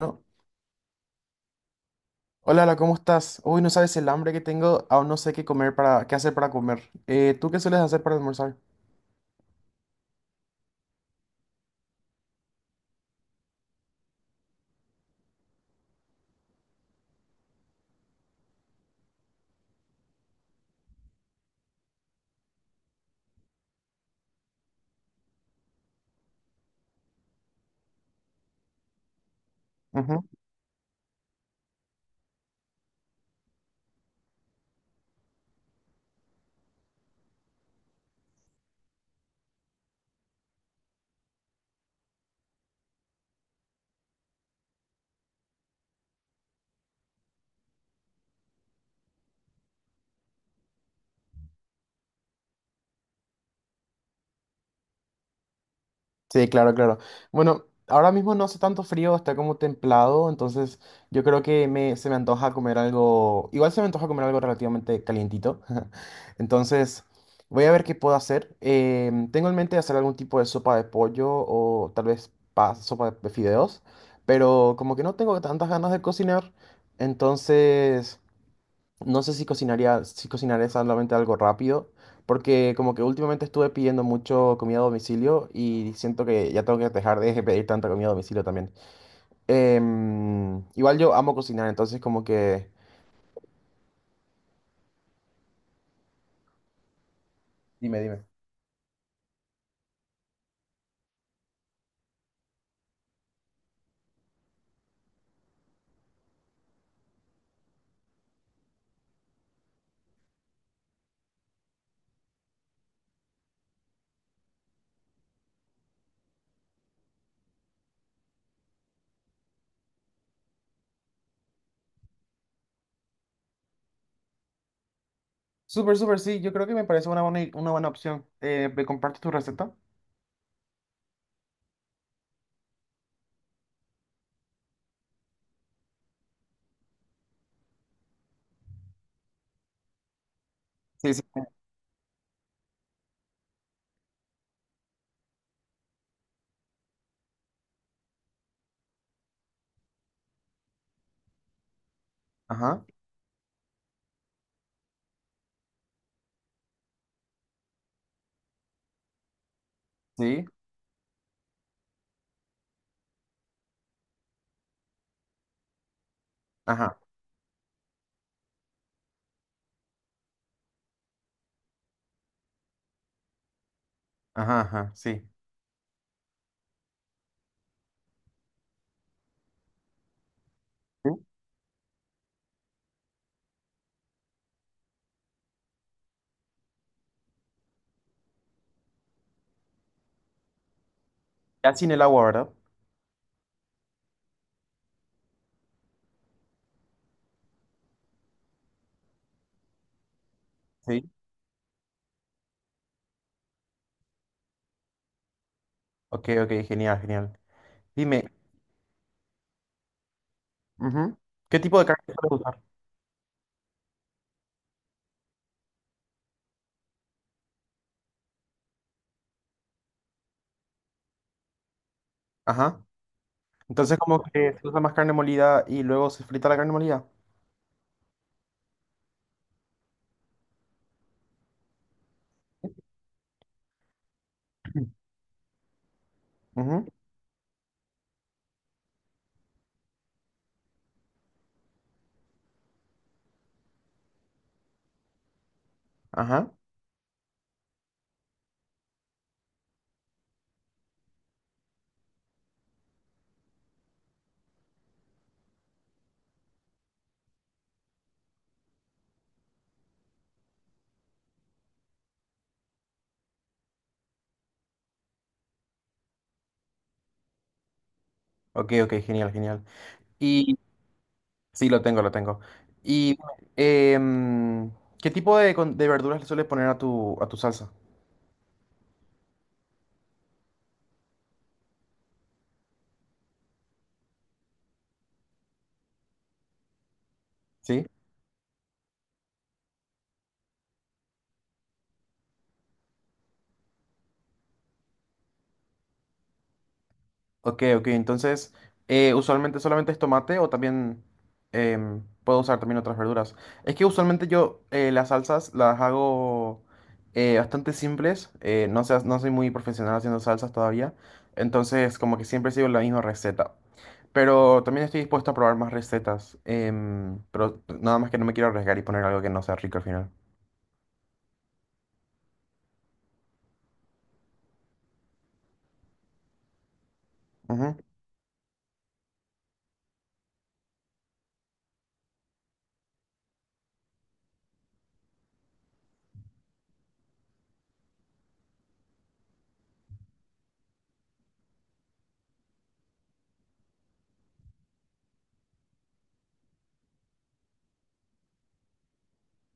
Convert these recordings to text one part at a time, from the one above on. No. Hola, hola, ¿cómo estás? Uy, no sabes el hambre que tengo, aún no sé qué comer qué hacer para comer. ¿Tú qué sueles hacer para almorzar? Ujú. Sí, claro, claro. Bueno, ahora mismo no hace tanto frío, está como templado, entonces yo creo se me antoja comer algo, igual se me antoja comer algo relativamente calientito. Entonces, voy a ver qué puedo hacer. Tengo en mente hacer algún tipo de sopa de pollo o tal vez sopa de fideos, pero como que no tengo tantas ganas de cocinar, entonces... No sé si cocinaría, si cocinaré solamente algo rápido, porque como que últimamente estuve pidiendo mucho comida a domicilio y siento que ya tengo que dejar de pedir tanta comida a domicilio también. Igual yo amo cocinar, entonces como que... Dime, dime. Súper, súper, sí, yo creo que me parece una buena, una buena opción. ¿Me compartes tu receta? Sí, sí. Sí. Ajá, sí, ajá, ajá, ajá, sí. Sí. Ya sin el agua, ¿verdad? Sí. Ok, ok, genial, genial. Dime, ujú, ¿qué tipo de carne sueles usar? Ajá. Entonces como que se usa más carne molida y luego se frita la carne molida. Ujú, ajá. Ok, ok, genial, genial. Y sí, lo tengo, lo tengo. Y em, ¿qué tipo de verduras le sueles poner a tu salsa? ¿Sí? Ok, ok, entonces, usualmente solamente es tomate o también puedo usar también otras verduras. Es que usualmente yo las salsas las hago bastante simples, no sé, no soy muy profesional haciendo salsas todavía, entonces como que siempre sigo la misma receta. Pero también estoy dispuesto a probar más recetas, pero nada más que no me quiero arriesgar y poner algo que no sea rico al final. Ujú.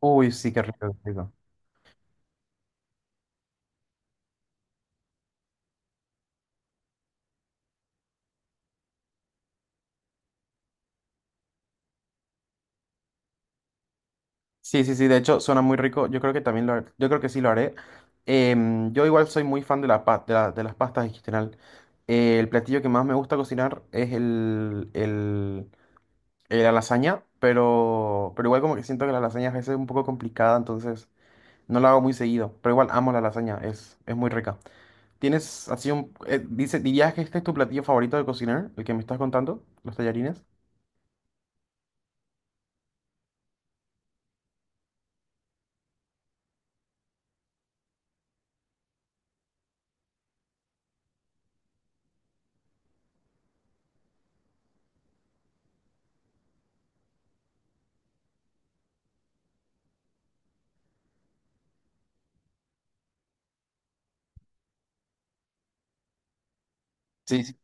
Uy, sí, qué rico, qué rico. Sí, sí, sí, de hecho suena muy rico. Yo creo que también yo creo que sí lo haré. Yo igual soy muy fan de la, pa- de la- de las pastas en general. El platillo que más me gusta cocinar es la lasaña, pero igual como que siento que la lasaña a veces es un poco complicada, entonces no la hago muy seguido. Pero igual amo la lasaña, es muy rica. ¿Tienes así un... ¿dirías que este es tu platillo favorito de cocinar? El que me estás contando, los tallarines. Sí, sí,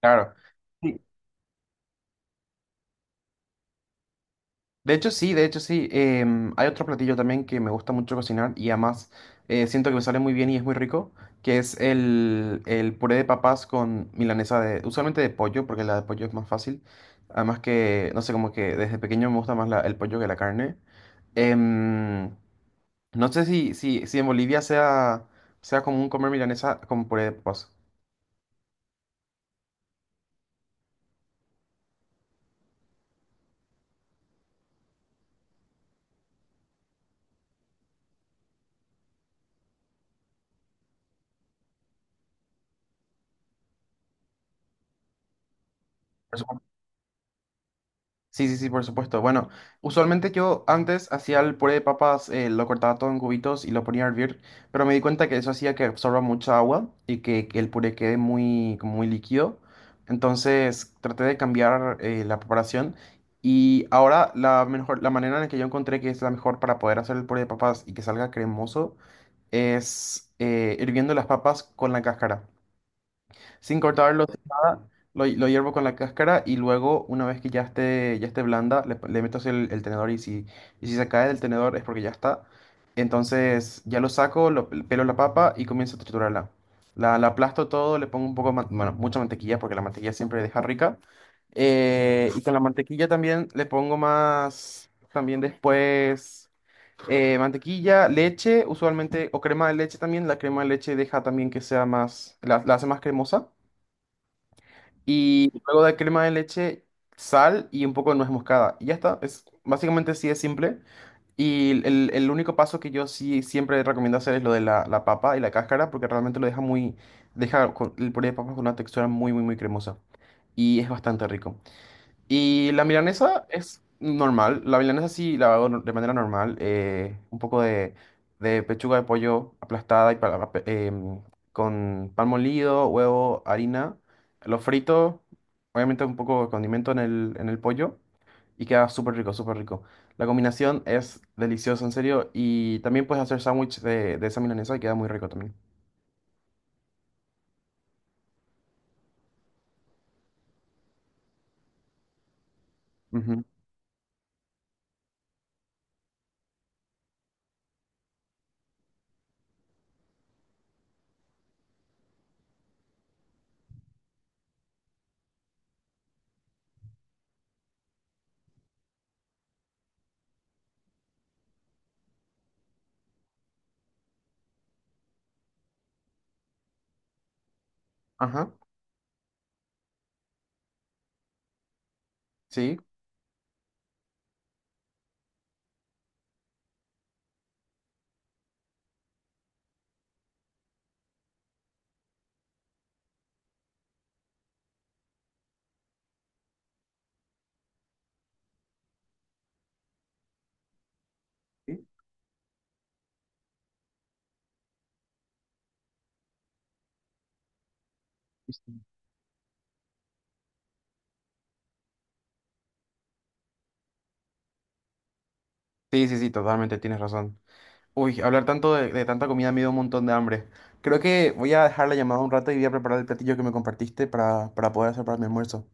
claro. De hecho, sí, de hecho, sí. Hay otro platillo también que me gusta mucho cocinar y además siento que me sale muy bien y es muy rico, que es el puré de papas con milanesa de, usualmente de pollo, porque la de pollo es más fácil. Además que, no sé, como que desde pequeño me gusta más el pollo que la carne. Em, no sé si en Bolivia sea común comer milanesa con puré de papas. Sí, sí, sí, por supuesto. Bueno, usualmente yo antes hacía el puré de papas, lo cortaba todo en cubitos y lo ponía a hervir, pero me di cuenta que eso hacía que absorba mucha agua y que el puré quede muy, como muy líquido. Entonces traté de cambiar la preparación y ahora la manera en la que yo encontré que es la mejor para poder hacer el puré de papas y que salga cremoso es hirviendo las papas con la cáscara. Sin cortarlo, sin nada, lo hiervo con la cáscara y luego, una vez que ya esté blanda, le meto hacia el tenedor y si se cae del tenedor es porque ya está. Entonces ya lo saco, lo, pelo la papa y comienzo a triturarla. La aplasto todo, le pongo un poco, bueno, mucha mantequilla porque la mantequilla siempre deja rica. Y con la mantequilla también le pongo más, también después, mantequilla, leche, usualmente, o crema de leche también. La crema de leche deja también que sea más, la hace más cremosa. Y luego de crema de leche, sal y un poco de nuez moscada. Y ya está. Es, básicamente sí es simple. Y el único paso que yo sí siempre recomiendo hacer es lo de la papa y la cáscara, porque realmente lo deja muy, deja el puré de papas con una textura muy, muy, muy cremosa. Y es bastante rico. Y la milanesa es normal. La milanesa sí la hago de manera normal. Un poco de pechuga de pollo aplastada y con pan molido, huevo, harina. Lo frito, obviamente un poco de condimento en el pollo. Y queda súper rico, súper rico. La combinación es deliciosa, en serio. Y también puedes hacer sándwich de esa milanesa y queda muy rico también. Ujú. Ajá. Sí. Sí, sí, sí, sí, totalmente, tienes razón. Uy, hablar tanto de tanta comida me dio un montón de hambre. Creo que voy a dejar la llamada un rato y voy a preparar el platillo que me compartiste para poder hacer para mi almuerzo.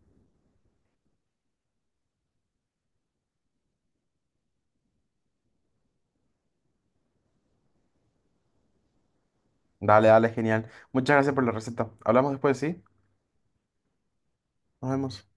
Dale, dale, genial. Muchas gracias por la receta. Hablamos después, ¿sí? Nos vemos.